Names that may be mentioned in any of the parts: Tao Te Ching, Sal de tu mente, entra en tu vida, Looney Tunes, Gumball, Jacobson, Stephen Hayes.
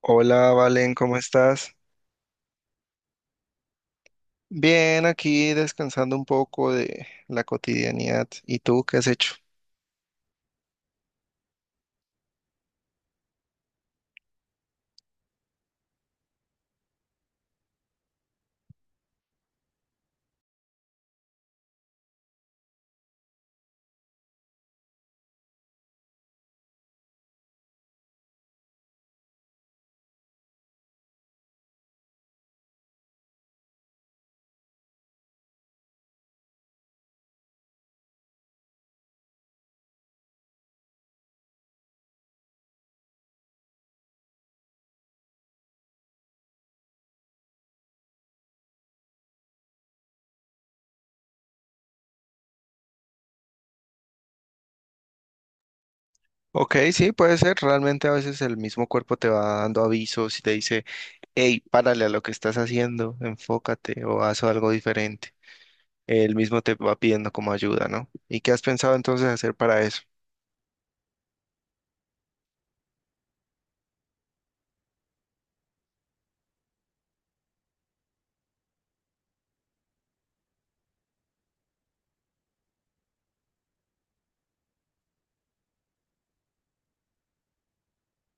Hola, Valen, ¿cómo estás? Bien, aquí descansando un poco de la cotidianidad. ¿Y tú qué has hecho? Ok, sí, puede ser. Realmente a veces el mismo cuerpo te va dando avisos y te dice, hey, párale a lo que estás haciendo, enfócate o haz algo diferente. Él mismo te va pidiendo como ayuda, ¿no? ¿Y qué has pensado entonces hacer para eso?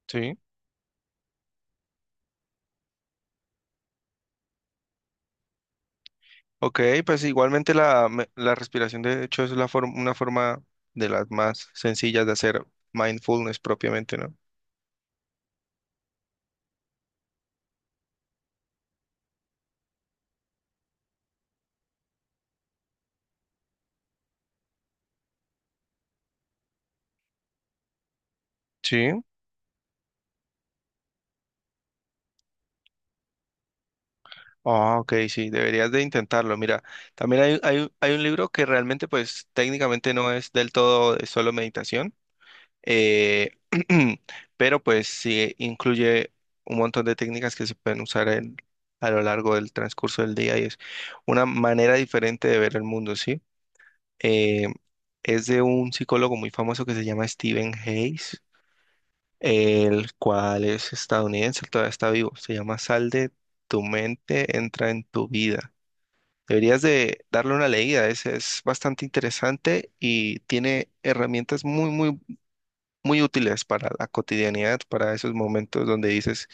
Sí. Ok, pues igualmente la respiración de hecho es la forma, una forma de las más sencillas de hacer mindfulness propiamente, ¿no? Sí. Ah, ok, sí, deberías de intentarlo. Mira, también hay un libro que realmente, pues, técnicamente no es del todo de solo meditación, eh, pero pues sí incluye un montón de técnicas que se pueden usar a lo largo del transcurso del día y es una manera diferente de ver el mundo, ¿sí? Eh, es de un psicólogo muy famoso que se llama Stephen Hayes, el cual es estadounidense, todavía está vivo. Se llama Sal de tu mente, entra en tu vida. Deberías de darle una leída, es bastante interesante y tiene herramientas muy útiles para la cotidianidad, para esos momentos donde dices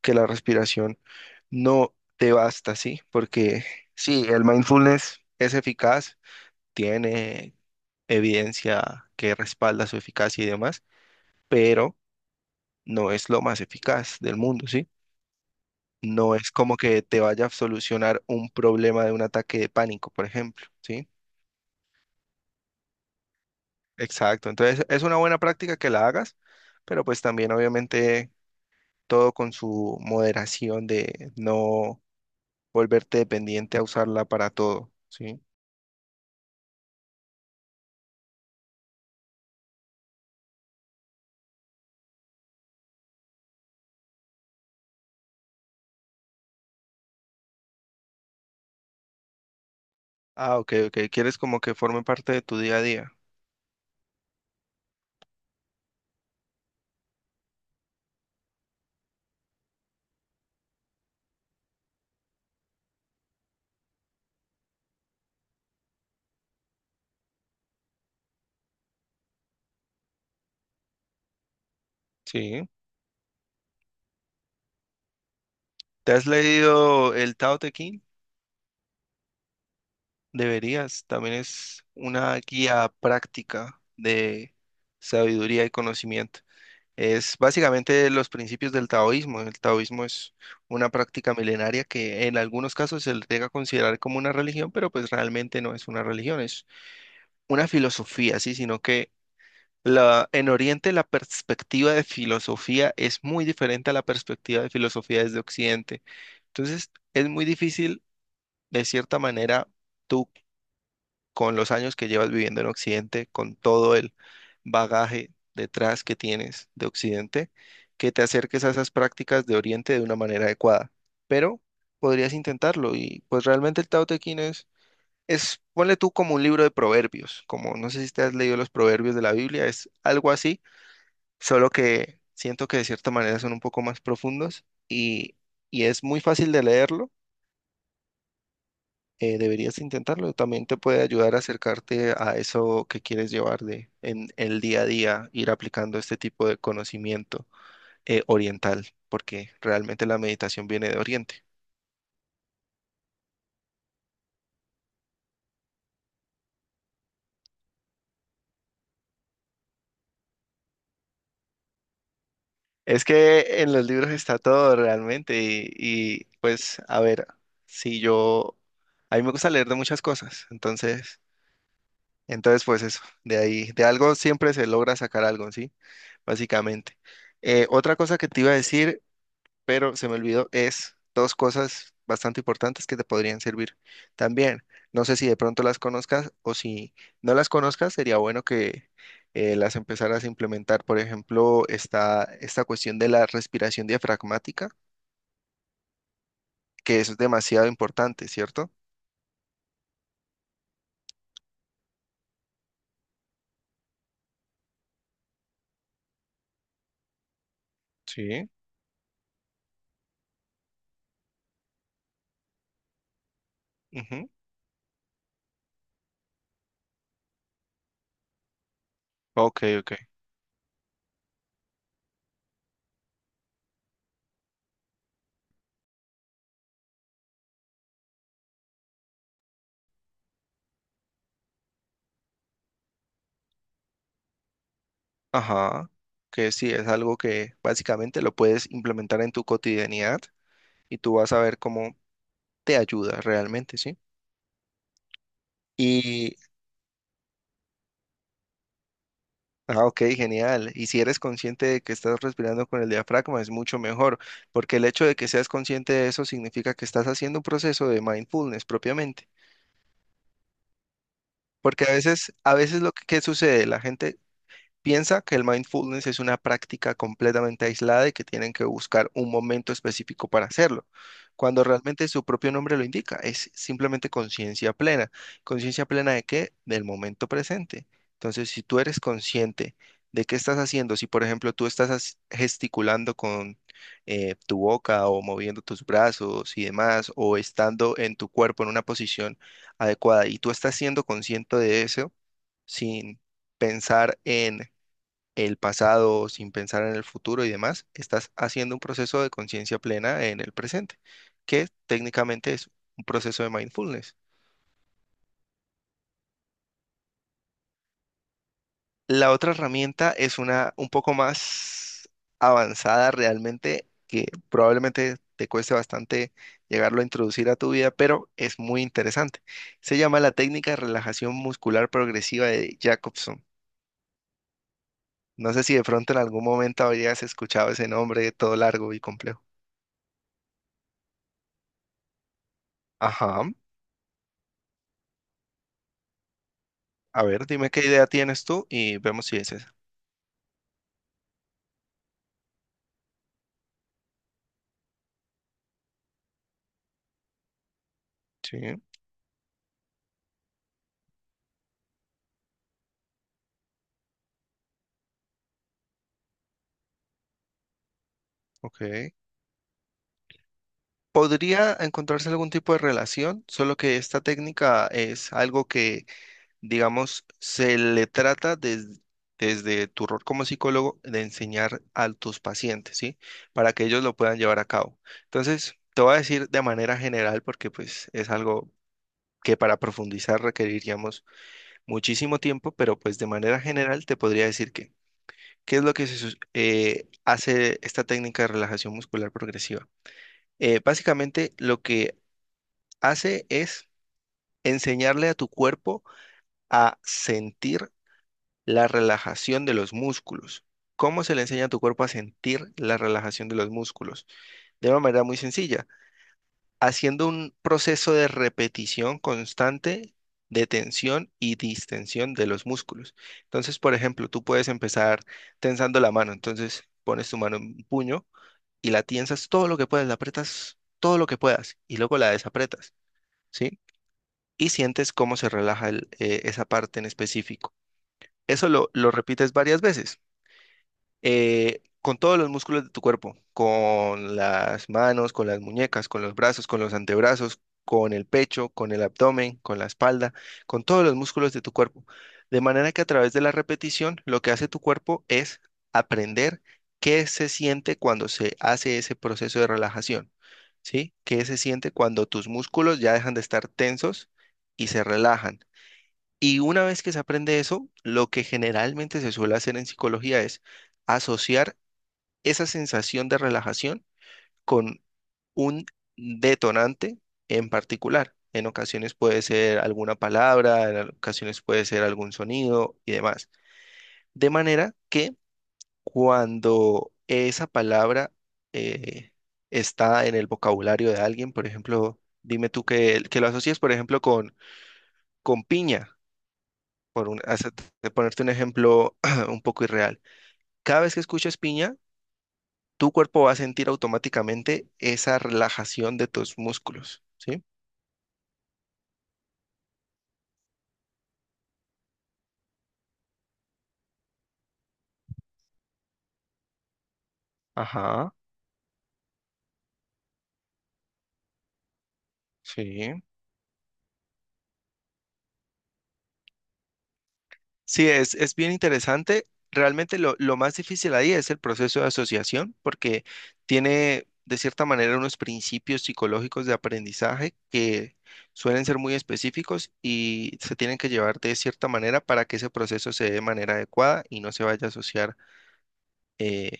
que la respiración no te basta, ¿sí? Porque sí, el mindfulness es eficaz, tiene evidencia que respalda su eficacia y demás, pero no es lo más eficaz del mundo, ¿sí? No es como que te vaya a solucionar un problema de un ataque de pánico, por ejemplo, ¿sí? Exacto, entonces es una buena práctica que la hagas, pero pues también obviamente todo con su moderación de no volverte dependiente a usarla para todo, ¿sí? Ah, ok, ok, quieres como que forme parte de tu día a día, ¿sí? ¿Te has leído el Tao Te Ching? Deberías, también es una guía práctica de sabiduría y conocimiento. Es básicamente los principios del taoísmo. El taoísmo es una práctica milenaria que en algunos casos se le llega a considerar como una religión, pero pues realmente no es una religión, es una filosofía, sí, sino que en Oriente la perspectiva de filosofía es muy diferente a la perspectiva de filosofía desde Occidente. Entonces, es muy difícil, de cierta manera, tú con los años que llevas viviendo en Occidente, con todo el bagaje detrás que tienes de Occidente, que te acerques a esas prácticas de Oriente de una manera adecuada. Pero podrías intentarlo y pues realmente el Tao Te Ching ponle tú como un libro de proverbios, como no sé si te has leído los proverbios de la Biblia, es algo así, solo que siento que de cierta manera son un poco más profundos y es muy fácil de leerlo. Deberías intentarlo. También te puede ayudar a acercarte a eso que quieres llevar de en el día a día, ir aplicando este tipo de conocimiento oriental, porque realmente la meditación viene de Oriente. Es que en los libros está todo realmente pues a ver, si yo, a mí me gusta leer de muchas cosas, entonces pues eso, de ahí, de algo siempre se logra sacar algo, ¿sí? Básicamente. Otra cosa que te iba a decir pero se me olvidó, es dos cosas bastante importantes que te podrían servir también. No sé si de pronto las conozcas o si no las conozcas, sería bueno que las empezaras a implementar. Por ejemplo, está esta cuestión de la respiración diafragmática, que eso es demasiado importante, ¿cierto? Sí, ujú. Ok, ok. Ajá. Que sí, es algo que básicamente lo puedes implementar en tu cotidianidad y tú vas a ver cómo te ayuda realmente, ¿sí? Y ah, ok, genial. Y si eres consciente de que estás respirando con el diafragma, es mucho mejor, porque el hecho de que seas consciente de eso significa que estás haciendo un proceso de mindfulness propiamente. Porque a veces lo que sucede, la gente piensa que el mindfulness es una práctica completamente aislada y que tienen que buscar un momento específico para hacerlo, cuando realmente su propio nombre lo indica, es simplemente conciencia plena. ¿Conciencia plena de qué? Del momento presente. Entonces, si tú eres consciente de qué estás haciendo, si por ejemplo gesticulando con tu boca o moviendo tus brazos y demás, o estando en tu cuerpo en una posición adecuada y tú estás siendo consciente de eso sin pensar en el pasado, sin pensar en el futuro y demás, estás haciendo un proceso de conciencia plena en el presente, que técnicamente es un proceso de mindfulness. La otra herramienta es una un poco más avanzada realmente, que probablemente te cueste bastante llegarlo a introducir a tu vida, pero es muy interesante. Se llama la técnica de relajación muscular progresiva de Jacobson. No sé si de pronto en algún momento habrías escuchado ese nombre todo largo y complejo. Ajá. A ver, dime qué idea tienes tú y vemos si es esa. Sí, ok. Podría encontrarse algún tipo de relación, solo que esta técnica es algo que, digamos, se le trata des- desde tu rol como psicólogo de enseñar a tus pacientes, ¿sí? Para que ellos lo puedan llevar a cabo. Entonces, te voy a decir de manera general porque pues es algo que para profundizar requeriríamos muchísimo tiempo, pero pues de manera general te podría decir que ¿qué es lo que hace esta técnica de relajación muscular progresiva? Básicamente lo que hace es enseñarle a tu cuerpo a sentir la relajación de los músculos. ¿Cómo se le enseña a tu cuerpo a sentir la relajación de los músculos? De una manera muy sencilla, haciendo un proceso de repetición constante de tensión y distensión de los músculos. Entonces, por ejemplo, tú puedes empezar tensando la mano, entonces pones tu mano en un puño y la tiensas todo lo que puedas, la apretas todo lo que puedas y luego la desapretas, ¿sí? Y sientes cómo se relaja esa parte en específico. Eso lo repites varias veces con todos los músculos de tu cuerpo, con las manos, con las muñecas, con los brazos, con los antebrazos, con el pecho, con el abdomen, con la espalda, con todos los músculos de tu cuerpo. De manera que a través de la repetición, lo que hace tu cuerpo es aprender qué se siente cuando se hace ese proceso de relajación, ¿sí? ¿Qué se siente cuando tus músculos ya dejan de estar tensos y se relajan? Y una vez que se aprende eso, lo que generalmente se suele hacer en psicología es asociar esa sensación de relajación con un detonante en particular. En ocasiones puede ser alguna palabra, en ocasiones puede ser algún sonido y demás. De manera que cuando esa palabra eh, está en el vocabulario de alguien, por ejemplo, dime tú que lo asocies, por ejemplo, con piña por un, hace- de ponerte un ejemplo un poco irreal. Cada vez que escuches piña, tu cuerpo va a sentir automáticamente esa relajación de tus músculos, ¿sí? Ajá, sí. Sí, es bien interesante. Realmente lo más difícil ahí es el proceso de asociación, porque tiene de cierta manera unos principios psicológicos de aprendizaje que suelen ser muy específicos y se tienen que llevar de cierta manera para que ese proceso se dé de manera adecuada y no se vaya a asociar eh,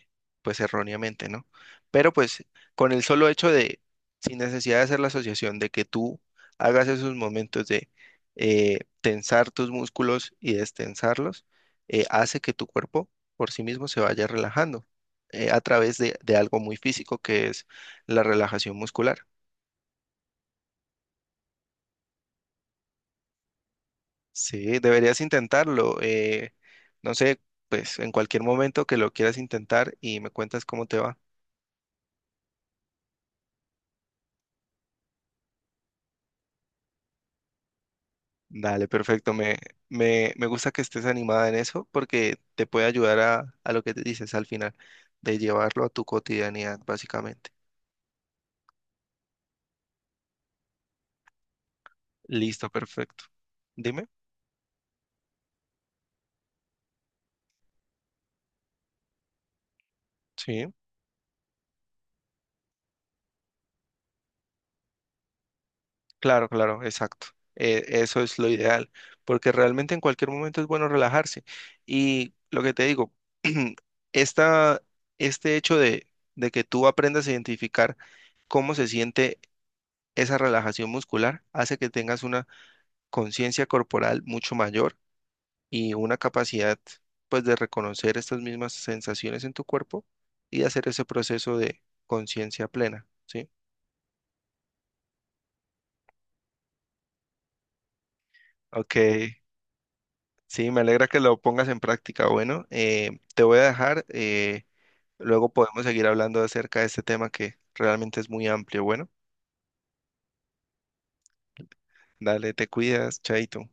pues erróneamente, ¿no? Pero pues con el solo hecho sin necesidad de hacer la asociación, de que tú hagas esos momentos de tensar tus músculos y destensarlos, hace que tu cuerpo por sí mismo se vaya relajando a través de algo muy físico que es la relajación muscular. Sí, deberías intentarlo. No sé, pues en cualquier momento que lo quieras intentar y me cuentas cómo te va. Dale, perfecto. Me gusta que estés animada en eso porque te puede ayudar a lo que te dices al final, de llevarlo a tu cotidianidad, básicamente. Listo, perfecto. Dime. Sí, claro, claro, exacto. Eso es lo ideal, porque realmente en cualquier momento es bueno relajarse. Y lo que te digo, esta, este hecho de que tú aprendas a identificar cómo se siente esa relajación muscular hace que tengas una conciencia corporal mucho mayor y una capacidad pues de reconocer estas mismas sensaciones en tu cuerpo y hacer ese proceso de conciencia plena, ¿sí? Ok, sí, me alegra que lo pongas en práctica. Bueno, te voy a dejar, luego podemos seguir hablando acerca de este tema que realmente es muy amplio. Bueno, dale, te cuidas, chaito.